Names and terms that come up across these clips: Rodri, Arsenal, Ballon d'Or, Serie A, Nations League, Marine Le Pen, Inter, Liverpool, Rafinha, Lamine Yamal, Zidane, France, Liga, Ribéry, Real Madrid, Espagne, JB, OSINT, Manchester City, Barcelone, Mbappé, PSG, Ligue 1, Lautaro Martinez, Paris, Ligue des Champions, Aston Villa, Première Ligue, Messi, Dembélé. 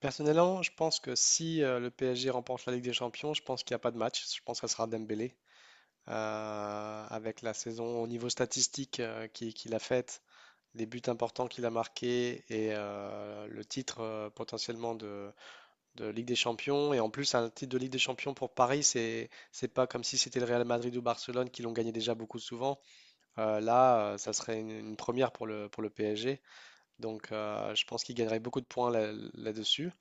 Personnellement, je pense que si le PSG remporte la Ligue des Champions, je pense qu'il n'y a pas de match. Je pense que ça sera Dembélé. Avec la saison au niveau statistique qu'il a faite, les buts importants qu'il a marqués et le titre potentiellement de Ligue des Champions. Et en plus, un titre de Ligue des Champions pour Paris, c'est pas comme si c'était le Real Madrid ou Barcelone qui l'ont gagné déjà beaucoup souvent. Ça serait une première pour pour le PSG. Donc, je pense qu'il gagnerait beaucoup de points là-dessus.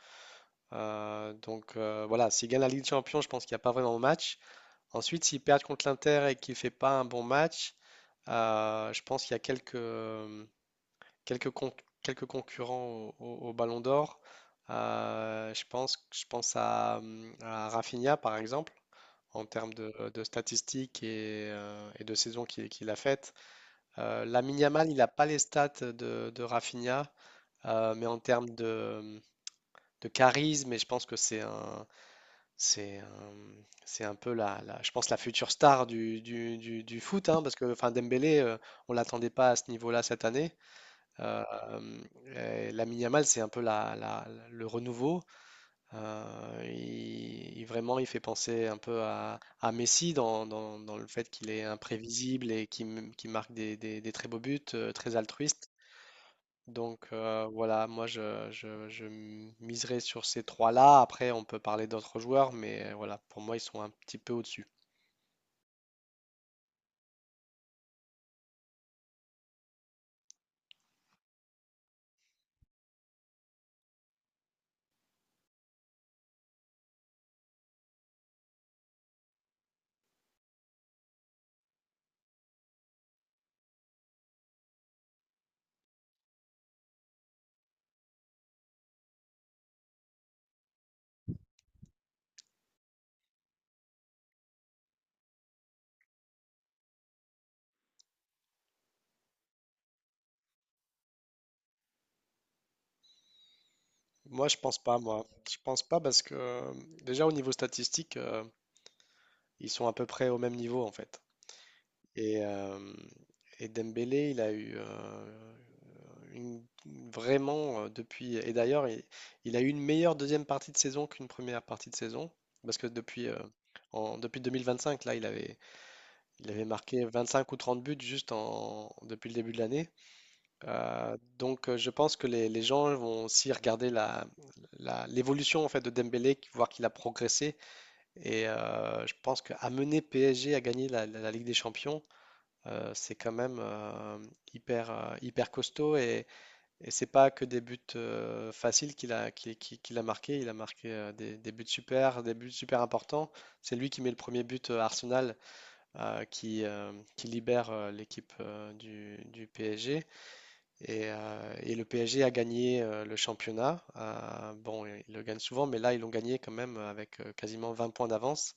Voilà, s'ils gagnent la Ligue des Champions, je pense qu'il n'y a pas vraiment de match. Ensuite, s'ils perdent contre l'Inter et qu'il ne fait pas un bon match, je pense qu'il y a quelques, con- quelques concurrents au Ballon d'Or. Je pense à Rafinha, par exemple, en termes de statistiques et de saison qu'il a faite. Lamine Yamal, il n'a pas les stats de Rafinha, mais en termes de charisme, et je pense que C'est euh, c'est un peu je pense la future star du foot, hein, parce que enfin, Dembélé, on l'attendait pas à ce niveau-là cette année. Euh, Lamine Yamal, c'est un peu le renouveau. Vraiment, il fait penser un peu à Messi dans le fait qu'il est imprévisible et qu'il marque des très beaux buts, très altruiste. Voilà, moi je miserai sur ces trois-là. Après, on peut parler d'autres joueurs, mais voilà, pour moi, ils sont un petit peu au-dessus. Moi, je pense pas, moi. Je pense pas parce que déjà au niveau statistique, ils sont à peu près au même niveau en fait. Et, euh, et Dembélé, il a eu une- vraiment depuis. Et d'ailleurs, il a eu une meilleure deuxième partie de saison qu'une première partie de saison. Parce que depuis 2025, il avait marqué 25 ou 30 buts juste depuis le début de l'année. Donc je pense que les gens vont aussi regarder l'évolution en fait de Dembélé, voir qu'il a progressé. Et je pense qu'amener PSG à gagner la Ligue des Champions, c'est quand même hyper costaud. Et c'est pas que des buts faciles qu'il a marqué. Il a marqué des buts super importants. C'est lui qui met le premier but à Arsenal, qui libère l'équipe du PSG. Et le PSG a gagné le championnat. Bon, ils le gagnent souvent, mais là, ils l'ont gagné quand même avec quasiment 20 points d'avance.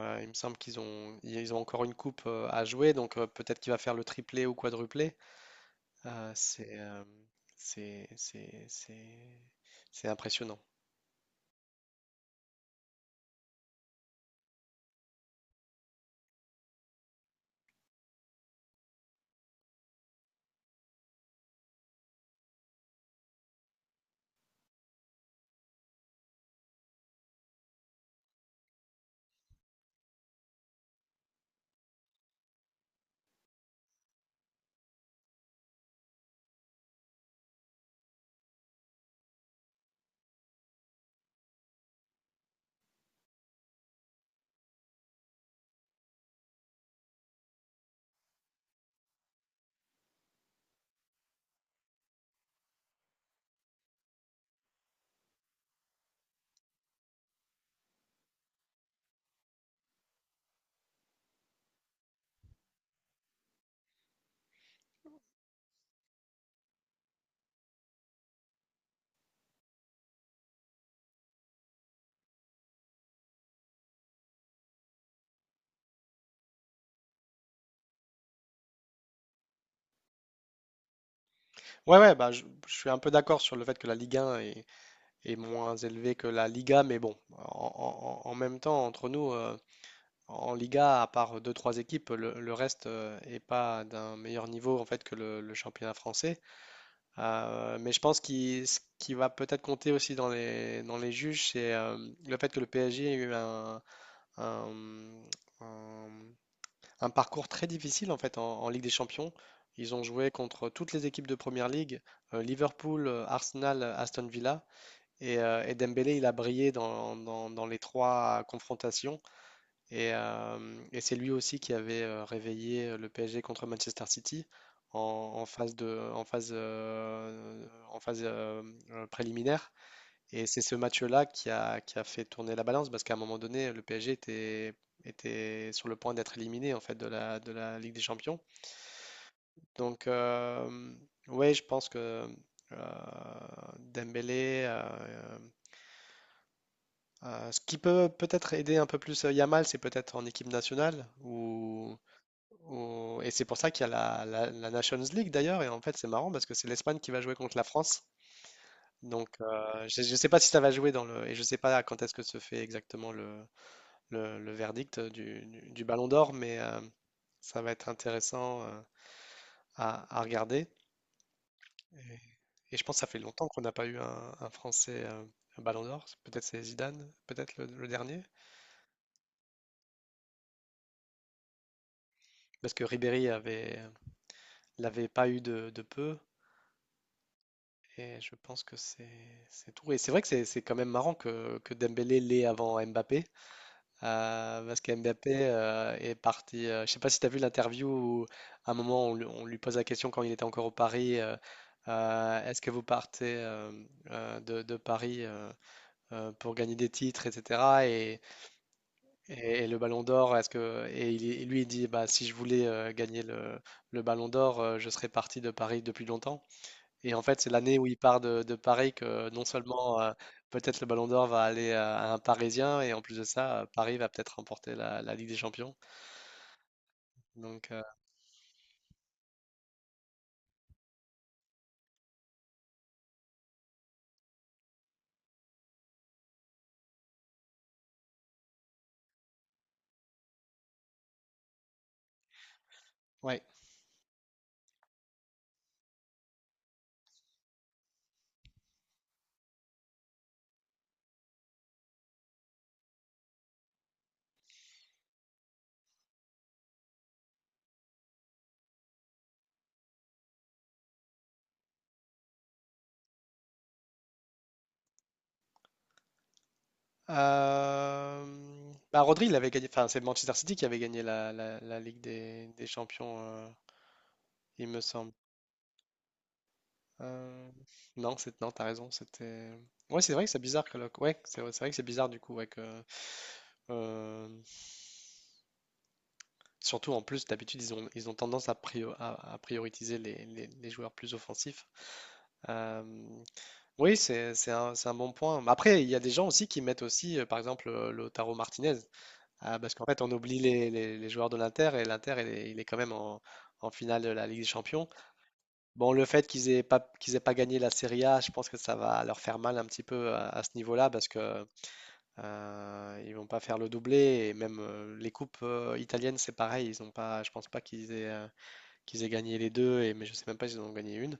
Il me semble ils ont encore une coupe à jouer, donc peut-être qu'il va faire le triplé ou quadruplé. Euh, c'est, euh, c'est, c'est, c'est, c'est impressionnant. Ouais, ouais, bah, je suis un peu d'accord sur le fait que la Ligue 1 est, est moins élevé que la Liga, mais bon, en même temps, entre nous, en Liga, à part deux, trois équipes, le reste est pas d'un meilleur niveau en fait que le championnat français. Mais je pense ce qui va peut-être compter aussi dans dans les juges, c'est le fait que le PSG a eu un- un- un parcours très difficile en fait en Ligue des Champions. Ils ont joué contre toutes les équipes de Première Ligue, Liverpool, Arsenal, Aston Villa. Et Dembélé, il a brillé dans les trois confrontations. Et, euh, et c'est lui aussi qui avait réveillé le PSG contre Manchester City en, en phase de, en phase préliminaire. Et c'est ce match-là qui a fait tourner la balance parce qu'à un moment donné, le PSG était sur le point d'être éliminé en fait de de la Ligue des Champions. Donc, ouais, je pense que euh, Dembélé. Ce qui peut peut-être aider un peu plus Yamal, c'est peut-être en équipe nationale. Et c'est pour ça qu'il y a la Nations League d'ailleurs. Et en fait, c'est marrant parce que c'est l'Espagne qui va jouer contre la France. Donc, je ne sais pas si ça va jouer dans le. Et je ne sais pas quand est-ce que se fait exactement le verdict du Ballon d'Or, mais ça va être intéressant à regarder. Et, et je pense que ça fait longtemps qu'on n'a pas eu un Français un Ballon d'Or. Peut-être c'est Zidane, peut-être le dernier. Parce que Ribéry avait, Il n'avait pas eu de peu. Et je pense que c'est tout. Et c'est vrai que c'est quand même marrant que Dembélé l'ait avant Mbappé. Parce que Mbappé est parti. Je sais pas si tu as vu l'interview où, à un moment, lui on lui pose la question quand il était encore au Paris, est-ce que vous partez de Paris pour gagner des titres, etc. Et, et le Ballon d'Or, est-ce que. Et lui, il dit bah, si je voulais gagner le Ballon d'Or, je serais parti de Paris depuis longtemps. Et en fait, c'est l'année où il part de Paris que non seulement peut-être le Ballon d'Or va aller à un Parisien, et en plus de ça, Paris va peut-être remporter la Ligue des Champions. Donc, ouais. Bah, Rodri, il avait gagné, enfin, c'est Manchester City qui avait gagné la Ligue des Champions, il me semble. Euh, non, non, t'as raison, c'était. Ouais, c'est vrai que c'est bizarre. Ouais, c'est vrai que c'est bizarre du coup, ouais, euh, surtout en plus, d'habitude, ils ont tendance à prioriser les joueurs plus offensifs. Euh, oui, c'est un bon point. Mais après, il y a des gens aussi qui mettent aussi, par exemple, Lautaro Martinez. Ah, parce qu'en fait, on oublie les joueurs de l'Inter et l'Inter, il est quand même en finale de la Ligue des Champions. Bon, le fait qu'ils aient pas gagné la Serie A, je pense que ça va leur faire mal un petit peu à ce niveau-là parce que ils vont pas faire le doublé et même les coupes italiennes, c'est pareil. Ils ont pas, je pense pas qu'ils aient gagné les deux, et, mais je sais même pas s'ils en ont gagné une.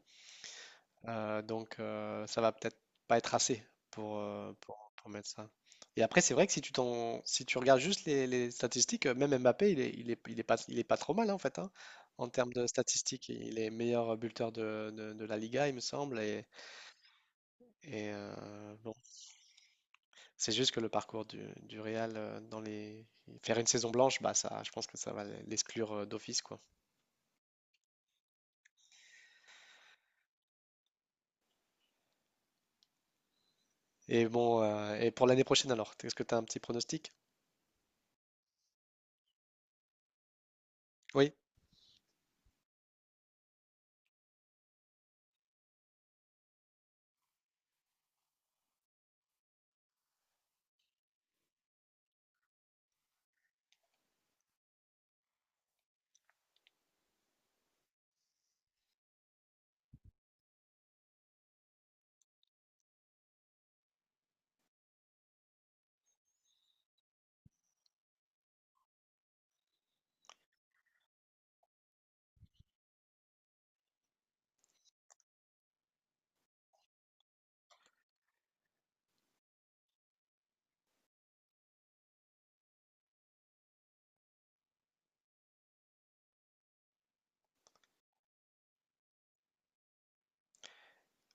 Donc ça va peut-être pas être assez pour mettre ça. Et après, c'est vrai que si tu regardes juste les statistiques, même Mbappé, il est pas trop mal hein, en fait. Hein, en termes de statistiques, il est meilleur buteur de la Liga, il me semble. Et, euh, C'est juste que le parcours du Real dans les faire une saison blanche, bah ça, je pense que ça va l'exclure d'office quoi. Et bon, et pour l'année prochaine alors, est-ce que tu as un petit pronostic? Oui,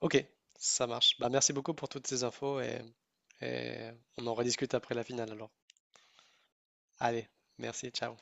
ok, ça marche. Bah merci beaucoup pour toutes ces infos et on en rediscute après la finale alors. Allez, merci, ciao.